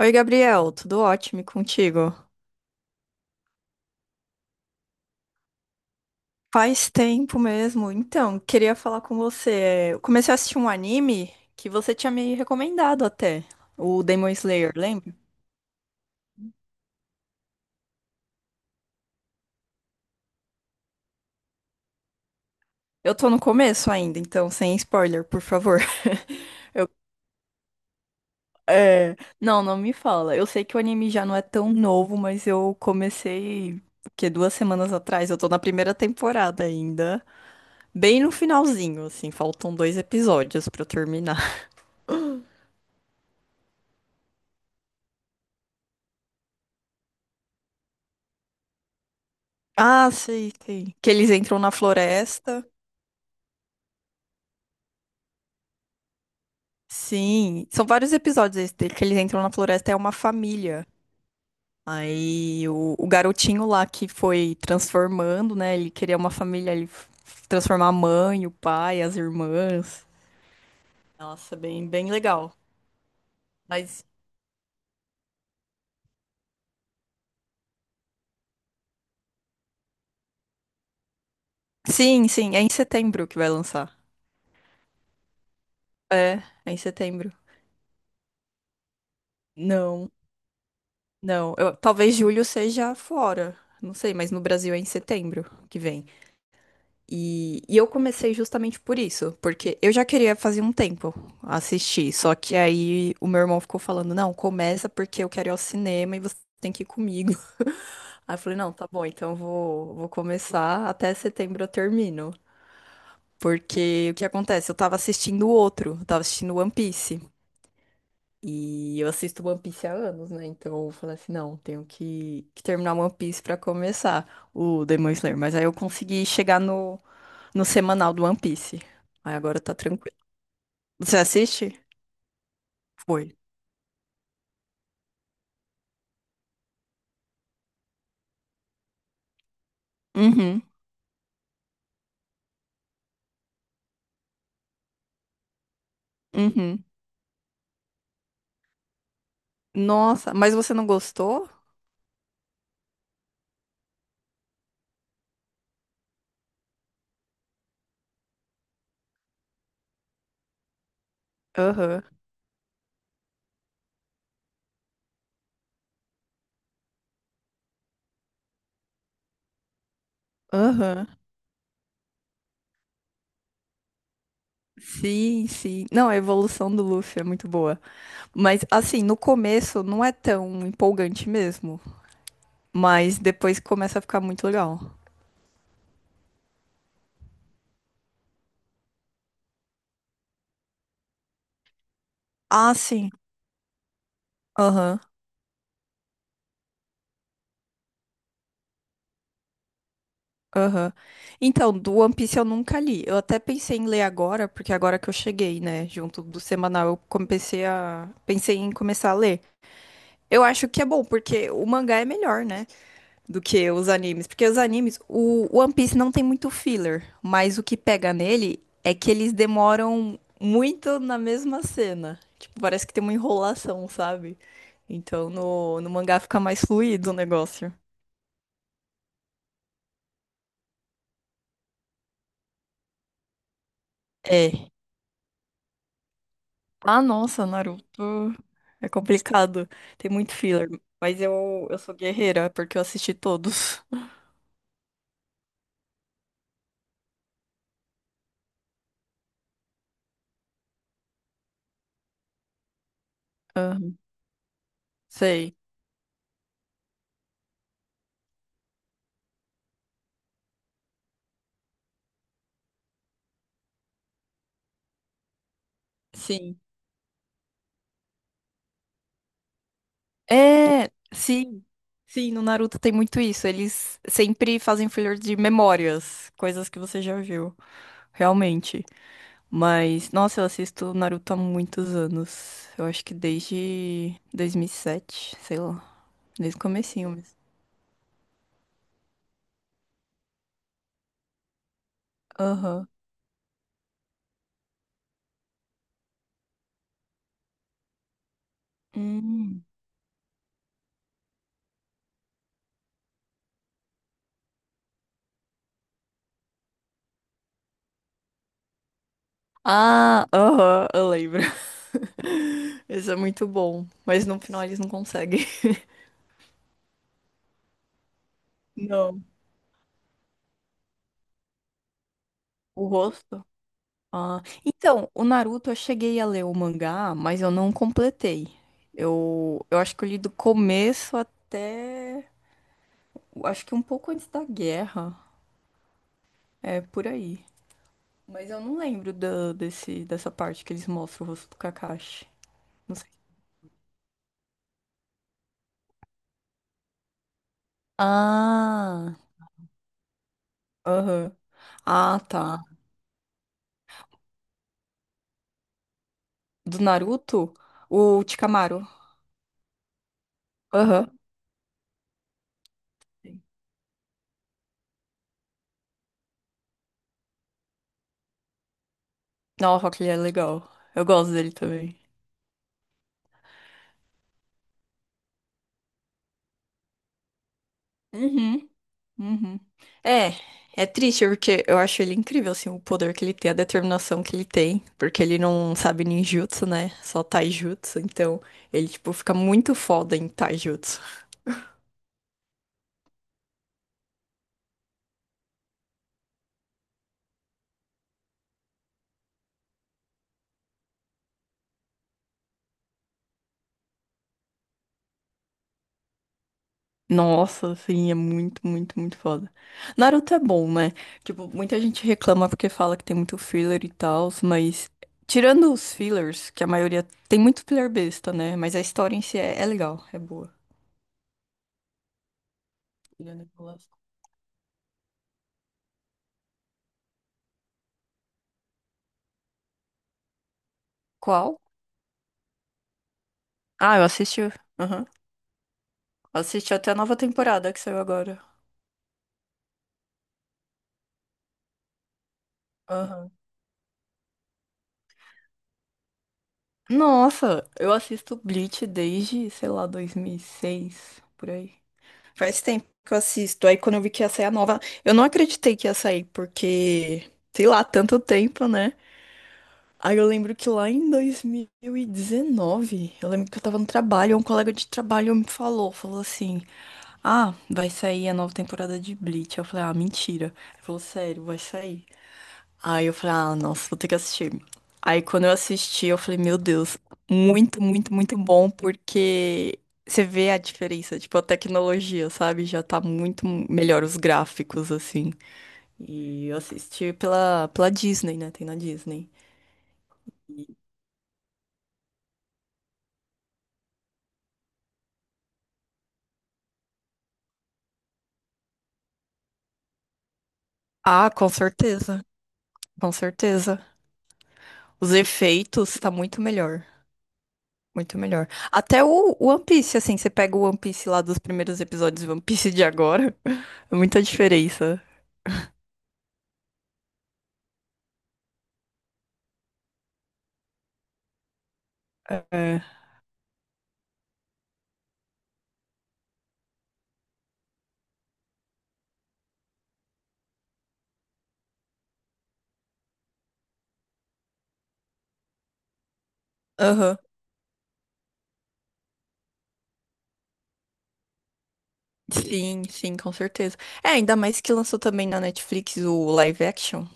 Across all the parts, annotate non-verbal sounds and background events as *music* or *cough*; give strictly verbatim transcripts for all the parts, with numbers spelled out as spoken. Oi, Gabriel, tudo ótimo e contigo? Faz tempo mesmo. Então, queria falar com você. Eu comecei a assistir um anime que você tinha me recomendado até, o Demon Slayer, lembra? Eu tô no começo ainda, então sem spoiler, por favor. *laughs* Eu- é, Não, não me fala. Eu sei que o anime já não é tão novo, mas eu comecei, o quê? Duas semanas atrás. Eu tô na primeira temporada ainda, bem no finalzinho, assim, faltam dois episódios pra eu terminar. Ah, sei, sei. Que eles entram na floresta. Sim, são vários episódios esse dele, que eles entram na floresta, é uma família. Aí o, o garotinho lá que foi transformando, né? Ele queria uma família, ele f- transformar a mãe, o pai, as irmãs. Nossa, bem, bem legal. Mas sim, sim, é em setembro que vai lançar. É, é em setembro. Não, não. Eu- talvez julho seja fora. Não sei, mas no Brasil é em setembro que vem. E, e eu comecei justamente por isso, porque eu já queria fazer um tempo assistir, só que aí o meu irmão ficou falando, não, começa porque eu quero ir ao cinema e você tem que ir comigo. *laughs* Aí eu falei, não, tá bom, então eu vou, vou começar, até setembro eu termino. Porque o que acontece? Eu tava assistindo outro, eu tava assistindo One Piece. E eu assisto One Piece há anos, né? Então eu falei assim, não, tenho que, que terminar One Piece pra começar o Demon Slayer. Mas aí eu consegui chegar no no semanal do One Piece. Aí agora tá tranquilo. Você assiste? Foi. Uhum, uhum. Nossa, mas você não gostou? Aham, aham. Sim, sim. Não, a evolução do Luffy é muito boa. Mas, assim, no começo não é tão empolgante mesmo. Mas depois começa a ficar muito legal. Ah, sim. Aham, aham. Então, do One Piece eu nunca li. Eu até pensei em ler agora, porque agora que eu cheguei, né, junto do semanal, eu comecei a... Pensei em começar a ler. Eu acho que é bom, porque o mangá é melhor, né? Do que os animes. Porque os animes, o One Piece não tem muito filler, mas o que pega nele é que eles demoram muito na mesma cena. Tipo, parece que tem uma enrolação, sabe? Então no, no mangá fica mais fluido o negócio. É. Ah, nossa, Naruto. É complicado. Tem muito filler. Mas eu, eu sou guerreira, porque eu assisti todos. *laughs* Aham. Sei. Sim. É, sim, sim, no Naruto tem muito isso. Eles sempre fazem filler de memórias, coisas que você já viu, realmente. Mas, nossa, eu assisto Naruto há muitos anos. Eu acho que desde dois mil e sete, sei lá, desde o comecinho mesmo. Aham. Hum. Ah, aham, eu lembro. *laughs* Isso é muito bom, mas no final eles não conseguem. *laughs* Não. O rosto? Ah, então, o Naruto eu cheguei a ler o mangá, mas eu não completei. Eu, eu acho que eu li do começo até, eu acho que um pouco antes da guerra, é por aí. Mas eu não lembro da, desse, dessa parte que eles mostram o rosto do Kakashi. Não sei. Ah, aham. Ah, tá. Do Naruto, o Chikamaru. Aham. Nossa, que ele é legal. Eu gosto dele também. Uhum. Uhum. É, é triste porque eu acho ele incrível, assim, o poder que ele tem, a determinação que ele tem, porque ele não sabe ninjutsu, né? Só taijutsu, então ele, tipo, fica muito foda em taijutsu. Nossa, assim, é muito, muito, muito foda. Naruto é bom, né? Tipo, muita gente reclama porque fala que tem muito filler e tal, mas tirando os fillers, que a maioria tem muito filler besta, né? Mas a história em si é, é legal, é boa. Tirando aquelas- Qual? Ah, eu assisti. Aham. Assisti até a nova temporada que saiu agora. Aham. Nossa, eu assisto Bleach desde, sei lá, dois mil e seis, por aí. Faz tempo que eu assisto. Aí quando eu vi que ia sair a nova, eu não acreditei que ia sair, porque, sei lá, tanto tempo, né? Aí eu lembro que lá em dois mil e dezenove, eu lembro que eu tava no trabalho, um colega de trabalho me falou, falou assim: "Ah, vai sair a nova temporada de Bleach". Eu falei: "Ah, mentira". Ele falou: "Sério, vai sair". Aí eu falei, ah, nossa, vou ter que assistir. Aí quando eu assisti, eu falei, meu Deus, muito, muito, muito bom, porque você vê a diferença, tipo, a tecnologia, sabe? Já tá muito melhor os gráficos, assim. E eu assisti pela, pela Disney, né? Tem na Disney. Ah, com certeza, com certeza. Os efeitos tá muito melhor. Muito melhor. Até o o One Piece, assim, você pega o One Piece lá dos primeiros episódios e o One Piece de agora, *laughs* é muita diferença. É. Aham. Sim, sim, com certeza. É, ainda mais que lançou também na Netflix o live action.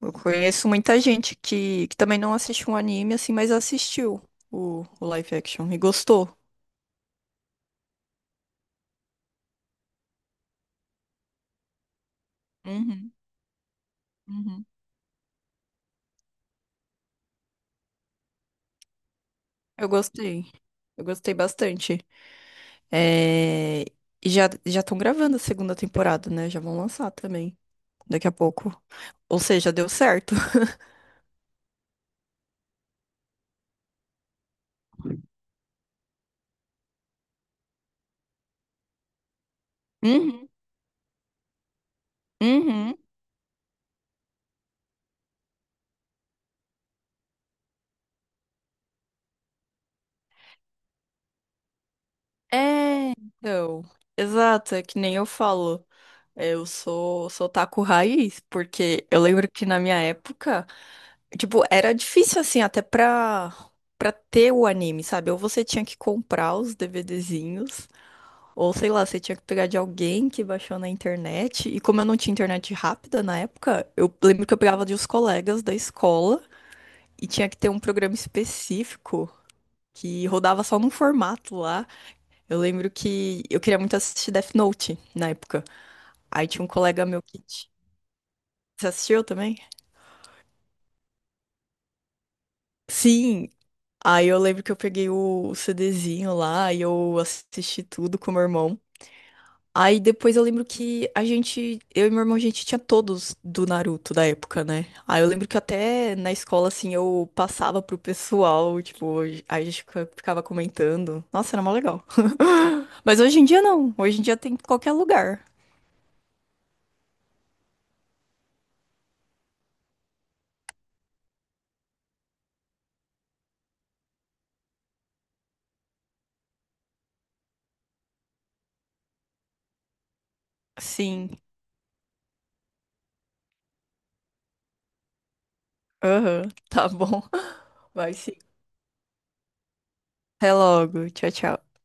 Eu conheço muita gente que, que também não assiste um anime assim, mas assistiu o, o live action e gostou. Uhum, uhum. Eu gostei. Eu gostei bastante. É, e já já estão gravando a segunda temporada, né? Já vão lançar também daqui a pouco. Ou seja, deu certo. *laughs* Uhum, uhum. É, então. Exato, é que nem eu falo. Eu sou, sou taco raiz, porque eu lembro que na minha época, tipo, era difícil assim, até pra, pra ter o anime, sabe? Ou você tinha que comprar os DVDzinhos, ou sei lá, você tinha que pegar de alguém que baixou na internet. E como eu não tinha internet rápida na época, eu lembro que eu pegava de uns colegas da escola e tinha que ter um programa específico. Que rodava só num formato lá. Eu lembro que eu queria muito assistir Death Note na época. Aí tinha um colega meu que você assistiu também? Sim. Aí eu lembro que eu peguei o CDzinho lá e eu assisti tudo com meu irmão. Aí depois eu lembro que a gente, eu e meu irmão, a gente tinha todos do Naruto da época, né? Aí eu lembro que até na escola, assim, eu passava pro pessoal, tipo, aí a gente fica- ficava comentando. Nossa, era mó legal. *laughs* Mas hoje em dia não. Hoje em dia tem em qualquer lugar. Sim. Aham. Tá bom. *laughs* Vai sim. Até logo. Tchau, tchau.